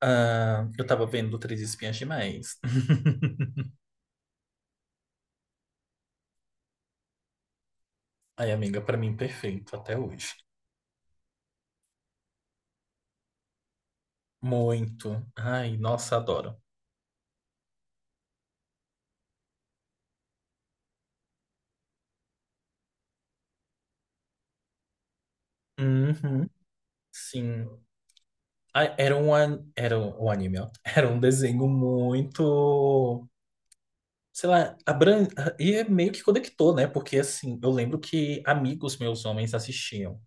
Ah, eu tava vendo Três Espinhas Demais. Ai, amiga, pra mim perfeito até hoje. Muito. Ai, nossa, adoro. Uhum, sim. Ai, era um anime, ó. Era um desenho muito, sei lá, e é meio que conectou, né? Porque assim, eu lembro que amigos meus homens assistiam.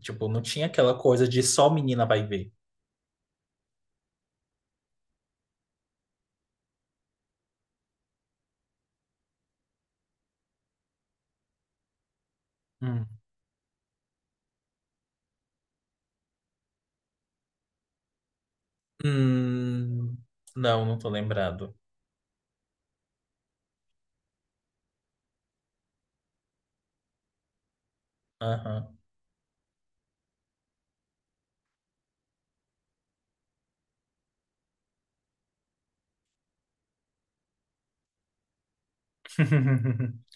Tipo, não tinha aquela coisa de só menina vai ver. Hum. Hum, não, não tô lembrado. Aham.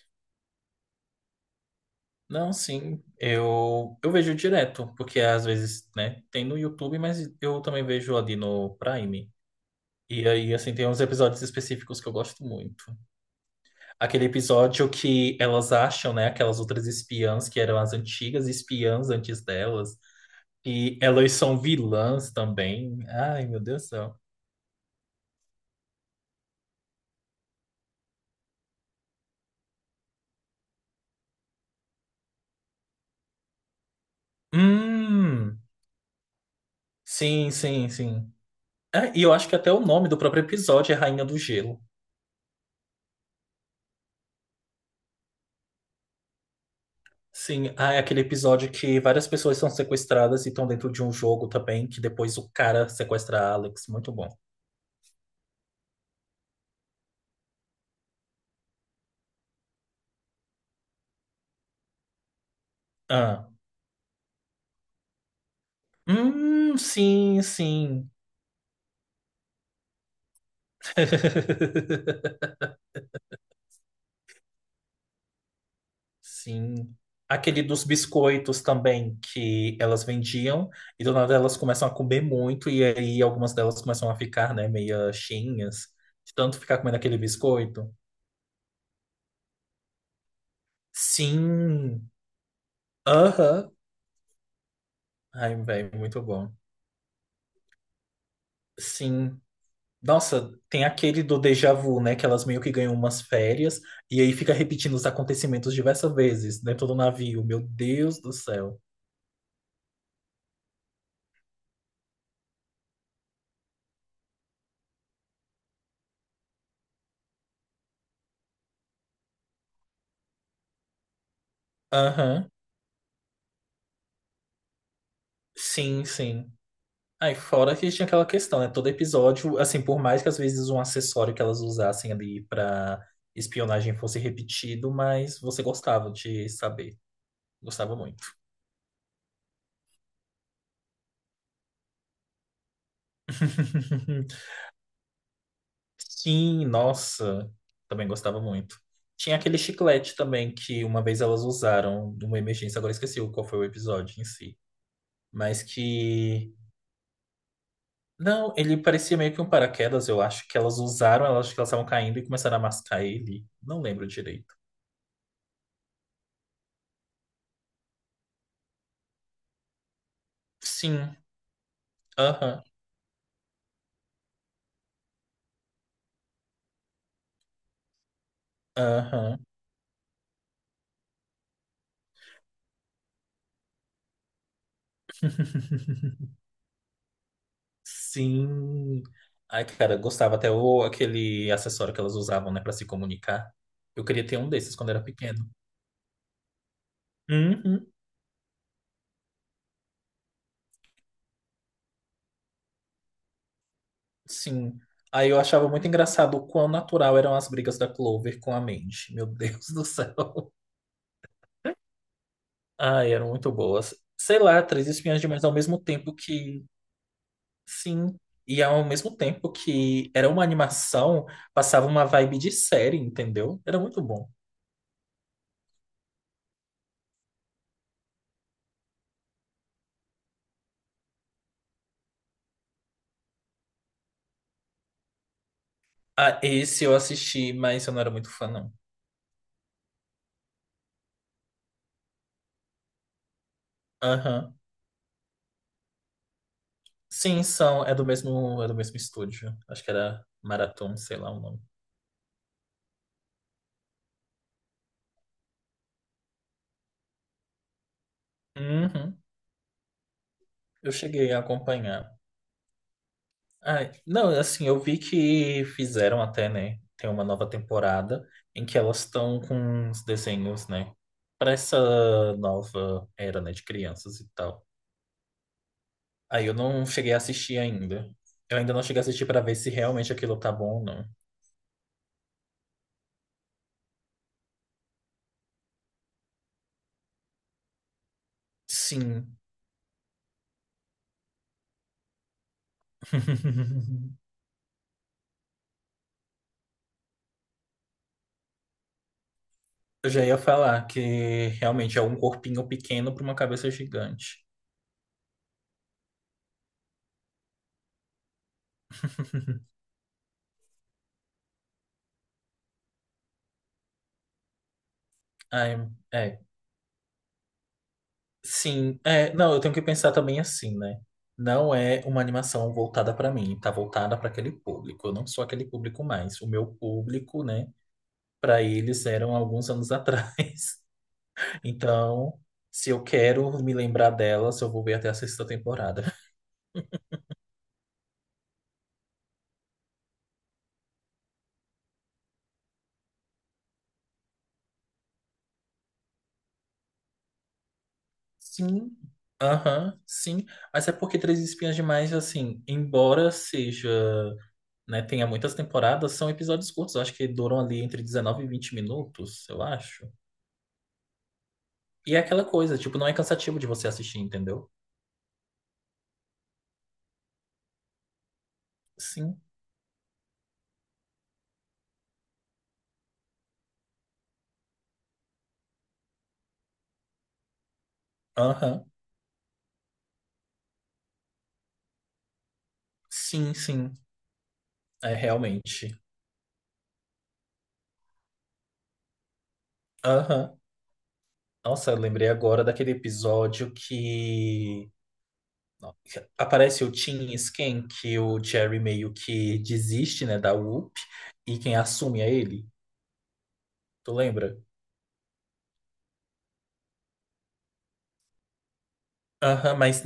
Não, sim, eu vejo direto, porque às vezes, né, tem no YouTube, mas eu também vejo ali no Prime. E aí, assim, tem uns episódios específicos que eu gosto muito. Aquele episódio que elas acham, né, aquelas outras espiãs que eram as antigas espiãs antes delas, e elas são vilãs também. Ai, meu Deus do céu. Hum, sim, sim, sim. Ah, e eu acho que até o nome do próprio episódio é Rainha do Gelo. Sim, ah, é aquele episódio que várias pessoas são sequestradas e estão dentro de um jogo também, que depois o cara sequestra a Alex. Muito bom. Ah. Sim, sim. Sim. Aquele dos biscoitos também, que elas vendiam, e do nada elas começam a comer muito, e aí algumas delas começam a ficar, né, meio cheinhas, de tanto ficar comendo aquele biscoito. Sim. Aham. Ai, velho, muito bom. Sim. Nossa, tem aquele do déjà vu, né? Que elas meio que ganham umas férias e aí fica repetindo os acontecimentos diversas vezes dentro do navio. Meu Deus do céu. Aham. Sim, sim. Aí fora que tinha aquela questão, né? Todo episódio, assim, por mais que às vezes um acessório que elas usassem ali pra espionagem fosse repetido, mas você gostava de saber. Gostava muito. Sim, nossa, também gostava muito. Tinha aquele chiclete também que uma vez elas usaram numa emergência, agora esqueci qual foi o episódio em si. Mas que. Não, ele parecia meio que um paraquedas, eu acho que elas usaram, elas acho que elas estavam caindo e começaram a mascar ele. Não lembro direito. Sim, aham, aham, sim. Ai, cara, gostava até aquele acessório que elas usavam, né, pra se comunicar. Eu queria ter um desses quando era pequeno. Uhum. Sim. Aí eu achava muito engraçado o quão natural eram as brigas da Clover com a Mandy. Meu Deus do céu. Ai, eram muito boas. Sei lá, Três Espiãs Demais ao mesmo tempo que. Sim. E ao mesmo tempo que era uma animação, passava uma vibe de série, entendeu? Era muito bom. Ah, esse eu assisti, mas eu não era muito fã, não. Aham. Sim, são. É do mesmo estúdio. Acho que era Marathon, sei lá o nome. Uhum. Eu cheguei a acompanhar. Ai, não, assim, eu vi que fizeram até, né? Tem uma nova temporada em que elas estão com uns desenhos, né? Pra essa nova era, né? De crianças e tal. Aí eu não cheguei a assistir ainda. Eu ainda não cheguei a assistir pra ver se realmente aquilo tá bom ou não. Sim. Eu já ia falar que realmente é um corpinho pequeno pra uma cabeça gigante. Ai, é. Sim, é, não, eu tenho que pensar também assim, né? Não é uma animação voltada para mim, tá voltada para aquele público. Eu não sou aquele público mais. O meu público, né, para eles eram alguns anos atrás. Então, se eu quero me lembrar delas, eu vou ver até a sexta temporada. Sim, aham, sim. Mas é porque Três Espinhas Demais, assim, embora seja, né, tenha muitas temporadas, são episódios curtos. Eu acho que duram ali entre 19 e 20 minutos, eu acho. E é aquela coisa, tipo, não é cansativo de você assistir, entendeu? Sim, aham, sim, sim, é realmente. Aham. Nossa, eu lembrei agora daquele episódio que aparece o Tim e Sken, que o Jerry meio que desiste, né, da Whoop, e quem assume é ele. Tu lembra? Aham, mas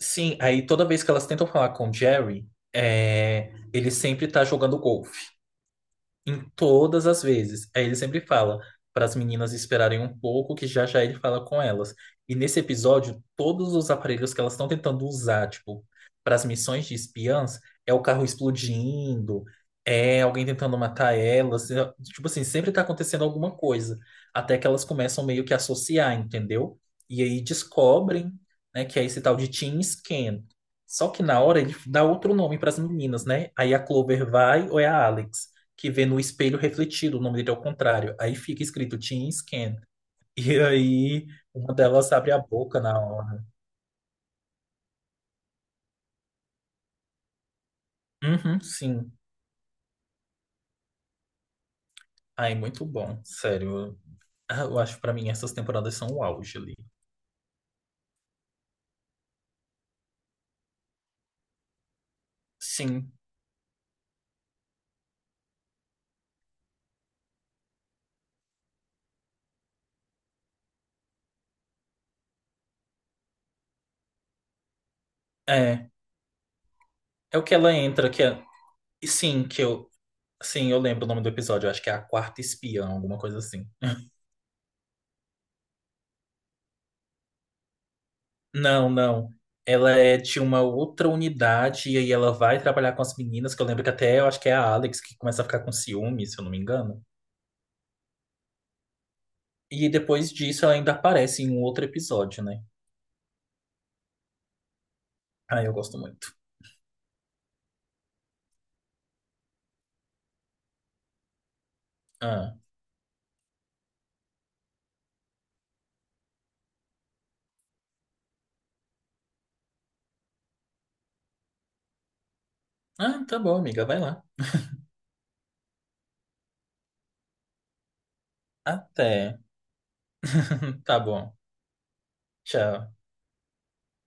sim, aí toda vez que elas tentam falar com o Jerry, é, ele sempre tá jogando golfe. Em todas as vezes. Aí ele sempre fala para as meninas esperarem um pouco, que já já ele fala com elas. E nesse episódio, todos os aparelhos que elas estão tentando usar, tipo, para as missões de espiãs, é o carro explodindo, é alguém tentando matar elas. Tipo assim, sempre tá acontecendo alguma coisa. Até que elas começam meio que a associar, entendeu? E aí descobrem, né, que é esse tal de Team Scan. Só que na hora ele dá outro nome para as meninas, né? Aí a Clover vai ou é a Alex que vê no espelho refletido, o nome dele é o contrário. Aí fica escrito Teen Scan. E aí uma delas abre a boca na hora. Uhum, sim. Ai, muito bom, sério. Ah, eu acho que pra mim essas temporadas são o auge ali. Sim, é. É o que ela entra, que é. E sim, que eu. Sim, eu lembro o nome do episódio. Eu acho que é a quarta espiã, alguma coisa assim. Não, não. Ela é de uma outra unidade e aí ela vai trabalhar com as meninas, que eu lembro que até eu acho que é a Alex que começa a ficar com ciúme, se eu não me engano. E depois disso ela ainda aparece em um outro episódio, né? Ah, eu gosto muito. Ah, ah tá bom, amiga, vai lá. Até. Tá bom. Tchau.